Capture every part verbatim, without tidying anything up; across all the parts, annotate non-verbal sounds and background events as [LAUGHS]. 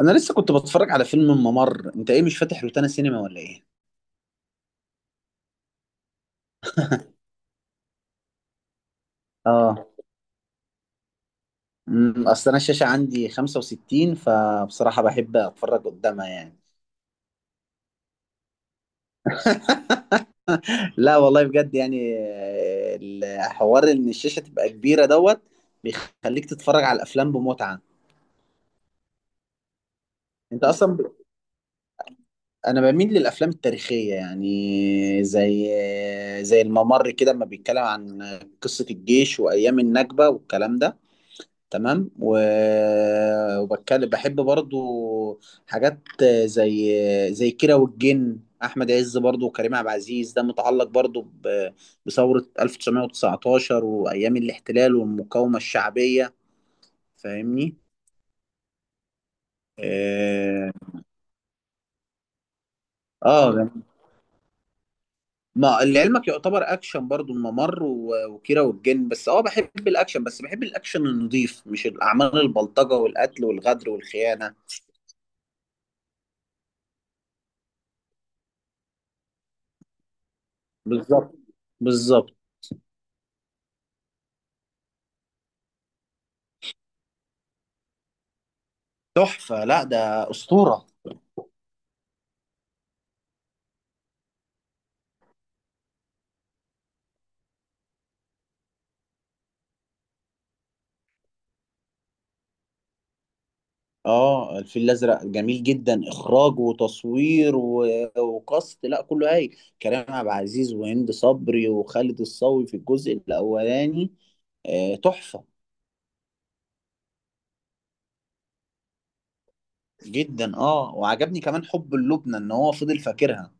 انا لسه كنت بتفرج على فيلم الممر. انت ايه، مش فاتح روتانا سينما ولا ايه؟ اه، امم اصل انا الشاشه عندي خمسة وستين، فبصراحه بحب اتفرج قدامها يعني. لا والله بجد يعني، آه، الحوار ان الشاشه تبقى كبيره دوت بيخليك تتفرج على الافلام بمتعه. انت اصلا ب... انا بميل للافلام التاريخيه، يعني زي زي الممر كده لما بيتكلم عن قصه الجيش وايام النكبه والكلام ده. تمام، و... وبتكلم بحب برضو حاجات زي زي كيرة والجن، احمد عز برضو وكريم عبد العزيز، ده متعلق برضو ب... بثورة ألف وتسعمئة وتسعة عشر وايام الاحتلال والمقاومة الشعبية. فاهمني؟ اه. آه، ما لعلمك يعتبر اكشن برضو الممر و- وكيرة والجن، بس اه بحب الاكشن، بس بحب الاكشن النظيف، مش الاعمال البلطجة والقتل والغدر والخيانة. بالظبط. بالظبط. تحفة، لا ده أسطورة. اه الفيل الأزرق جميل جدا، إخراج وتصوير و... وكاست، لا كله هايل. كريم عبد العزيز وهند صبري وخالد الصاوي في الجزء الأولاني، آه تحفة. جدا، اه، وعجبني كمان حب اللبنة إن هو فضل فاكرها.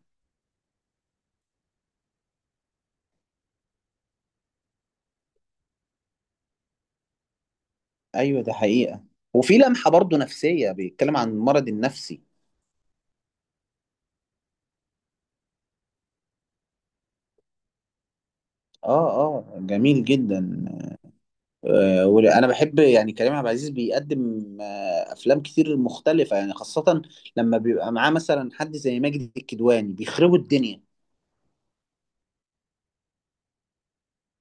أيوة، ده حقيقة. وفي لمحة برضو نفسية، بيتكلم عن المرض النفسي. اه اه جميل جدا. آه، وانا بحب يعني كريم عبد العزيز بيقدم آه، افلام كتير مختلفه، يعني خاصه لما بيبقى معاه مثلا حد زي ماجد الكدواني، بيخربوا الدنيا.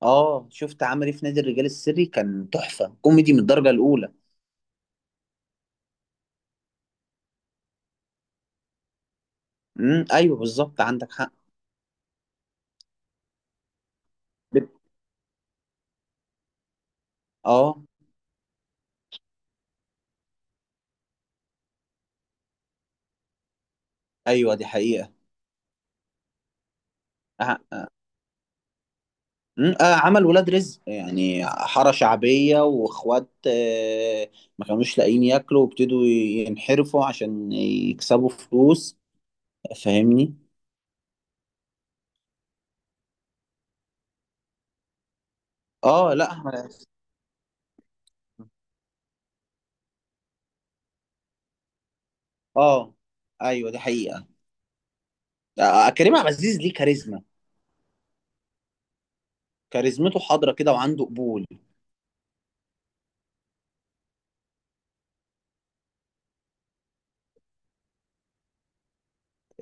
اه شفت عمل ايه في نادي الرجال السري، كان تحفه، كوميدي من الدرجه الاولى. امم ايوه، بالظبط، عندك حق. بت- اه. ايوه دي حقيقه. آه. مم، آه عمل ولاد رزق، يعني حاره شعبيه واخوات، آه ما كانوش لاقيين ياكلوا وابتدوا ينحرفوا عشان يكسبوا فلوس. فاهمني؟ اه، لا. اه ايوه دي حقيقه. آه، آه، كريم عبد العزيز ليه كاريزما. كاريزمته حاضره كده وعنده قبول.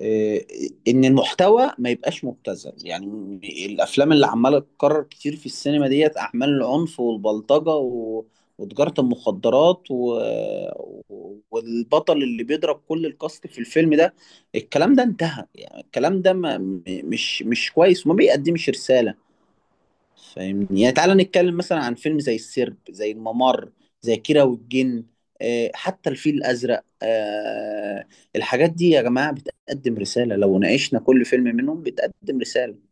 آه، ان المحتوى ما يبقاش مبتذل يعني، م- الافلام اللي عماله تتكرر كتير في السينما ديت، اعمال العنف والبلطجه و... وتجاره المخدرات و... و- والبطل اللي بيضرب كل الكاست في الفيلم ده، الكلام ده انتهى، يعني الكلام ده ما... م- مش مش كويس وما بيقدمش رساله. فاهمني؟ يعني تعالى نتكلم مثلا عن فيلم زي السرب، زي الممر، زي كيرة والجن، آه، حتى الفيل الأزرق. آه، الحاجات دي يا جماعة بتقدم رسالة، لو ناقشنا كل فيلم منهم بتقدم رسالة.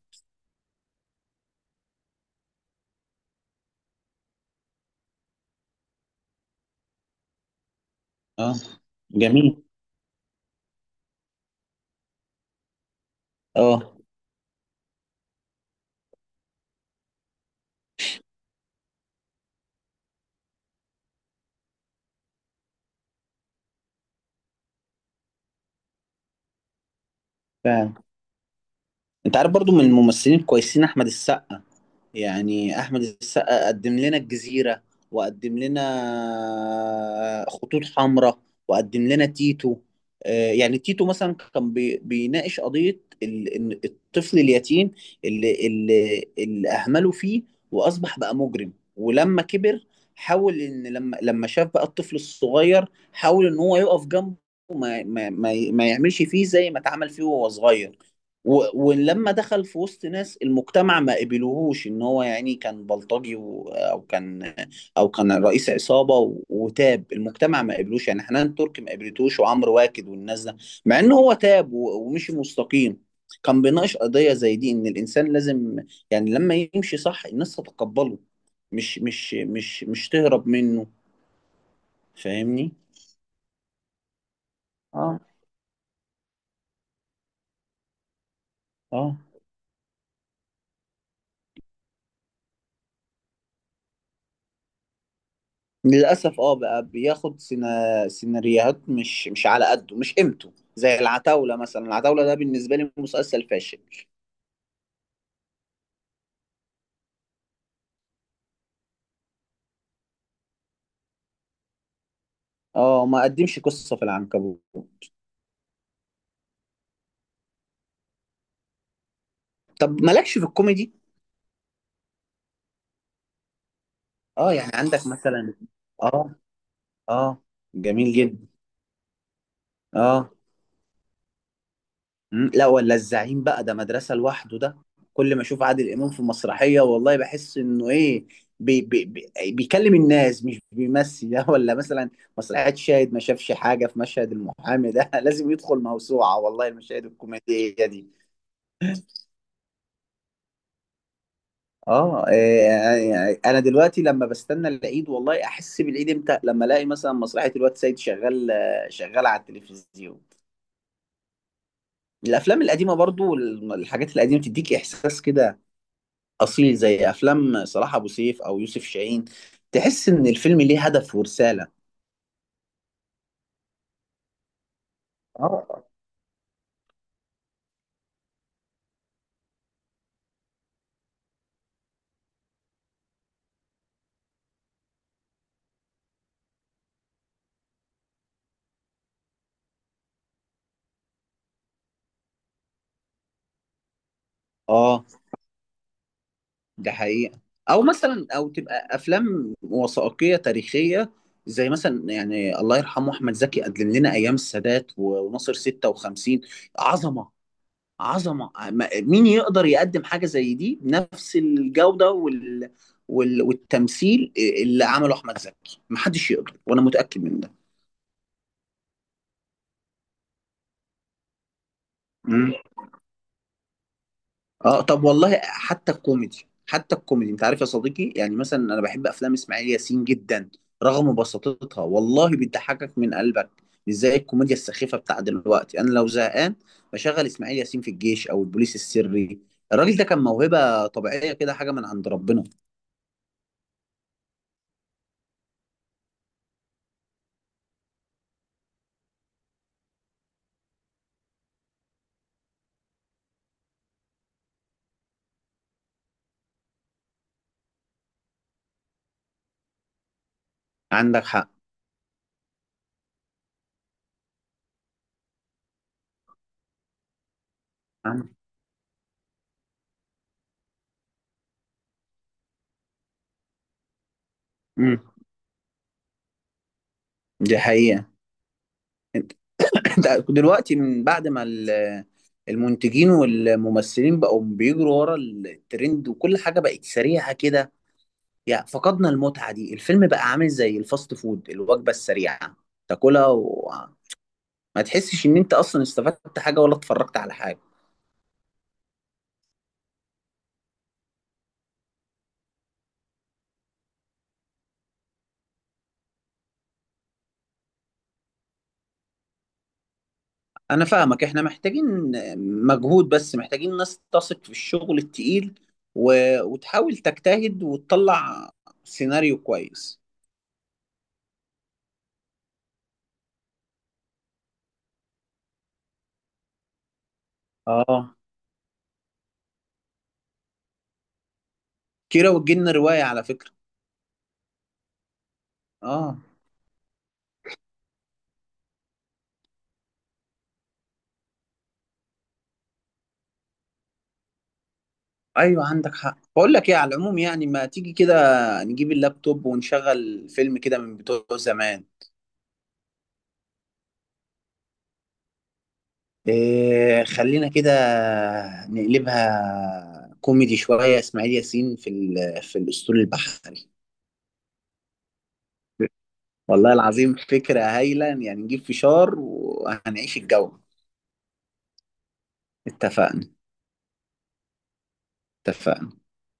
اه جميل. اه فعلا، انت عارف برضو من الممثلين الكويسين احمد السقا. يعني احمد السقا قدم لنا الجزيره، وقدم لنا خطوط حمراء، وقدم لنا تيتو. آه، يعني تيتو مثلا كان بي- بيناقش قضيه ال- إن الطفل اليتيم اللي اللي اللي اهمله فيه، واصبح بقى مجرم، ولما كبر حاول ان لما لما شاف بقى الطفل الصغير، حاول ان هو يقف جنبه، ما ما ما ما يعملش فيه زي ما اتعمل فيه وهو صغير، و- ولما دخل في وسط ناس المجتمع ما قبلوهوش ان هو، يعني كان بلطجي و- او كان او كان رئيس عصابه و- وتاب، المجتمع ما قبلوش يعني، حنان تركي ما قبلتوش وعمرو واكد والناس ده، مع ان هو تاب و- ومشي مستقيم. كان بيناقش قضيه زي دي، ان الانسان لازم يعني لما يمشي صح الناس تتقبله، مش مش مش مش تهرب منه. فاهمني؟ اه اه للأسف، اه بقى بياخد سينا... سيناريوهات مش مش على قده، مش قيمته، زي العتاولة مثلا. العتاولة ده بالنسبة لي مسلسل فاشل. اه ما قدمش قصة في العنكبوت. طب مالكش في الكوميدي؟ اه يعني عندك مثلا، اه. اه جميل جدا. اه مم، لا، ولا الزعيم بقى، ده مدرسة لوحده ده. كل ما اشوف عادل امام في مسرحية، والله بحس انه ايه، بي بي بي بيكلم الناس مش بيمثل [LAUGHS] ده، ولا مثلا مسرحية شاهد ما شافش حاجة في مشهد المحامي ده [LAUGHS] لازم يدخل موسوعة، والله المشاهد الكوميدية دي. اه إيه، انا دلوقتي لما بستنى العيد، والله احس بالعيد امتى، لما الاقي مثلا مسرحية الواد سيد شغال، شغال على التلفزيون. الافلام القديمة برضو والحاجات القديمة بتديك احساس كده، اصيل، زي افلام صلاح ابو سيف او يوسف شاهين. تحس ان الفيلم ليه هدف ورساله. اه اه ده حقيقه. او مثلا او تبقى افلام وثائقيه تاريخيه، زي مثلا يعني الله يرحمه احمد زكي قدم لنا ايام السادات و- وناصر ستة وخمسين. عظمه، عظمه، ما- مين يقدر يقدم حاجه زي دي بنفس الجوده وال... وال... والتمثيل. اللي عمله احمد زكي محدش يقدر، وانا متاكد من ده. اه طب والله حتى الكوميدي، حتى الكوميدي، انت عارف يا صديقي، يعني مثلا انا بحب افلام اسماعيل ياسين جدا، رغم بساطتها والله بتضحكك من قلبك، مش زي الكوميديا السخيفه بتاع دلوقتي. انا لو زهقان بشغل اسماعيل ياسين في الجيش او البوليس السري. الراجل ده كان موهبه طبيعيه كده، حاجه من عند ربنا. عندك حق. امم دي حقيقه. انت [LAUGHS] انت دلوقتي من بعد ما ال- المنتجين والممثلين بقوا بيجروا ورا الترند، وكل حاجه بقت سريعه كده، يعني فقدنا المتعة دي، الفيلم بقى عامل زي الفاست فود، الوجبة السريعة، تاكلها وما تحسش ان انت اصلا استفدت حاجة ولا اتفرجت على حاجة. انا فاهمك، احنا محتاجين مجهود، بس محتاجين ناس تثق في الشغل التقيل و... وتحاول تجتهد وتطلع سيناريو كويس. اه كيرة والجن رواية على فكرة. اه ايوه عندك حق. بقول لك ايه، على العموم يعني، ما تيجي كده نجيب اللابتوب ونشغل فيلم كده من بتوع زمان. إيه خلينا كده نقلبها كوميدي شوية، إسماعيل ياسين في ال- في الأسطول البحري. والله العظيم فكرة هايلة، يعني نجيب فشار وهنعيش الجو. اتفقنا. اتفقنا.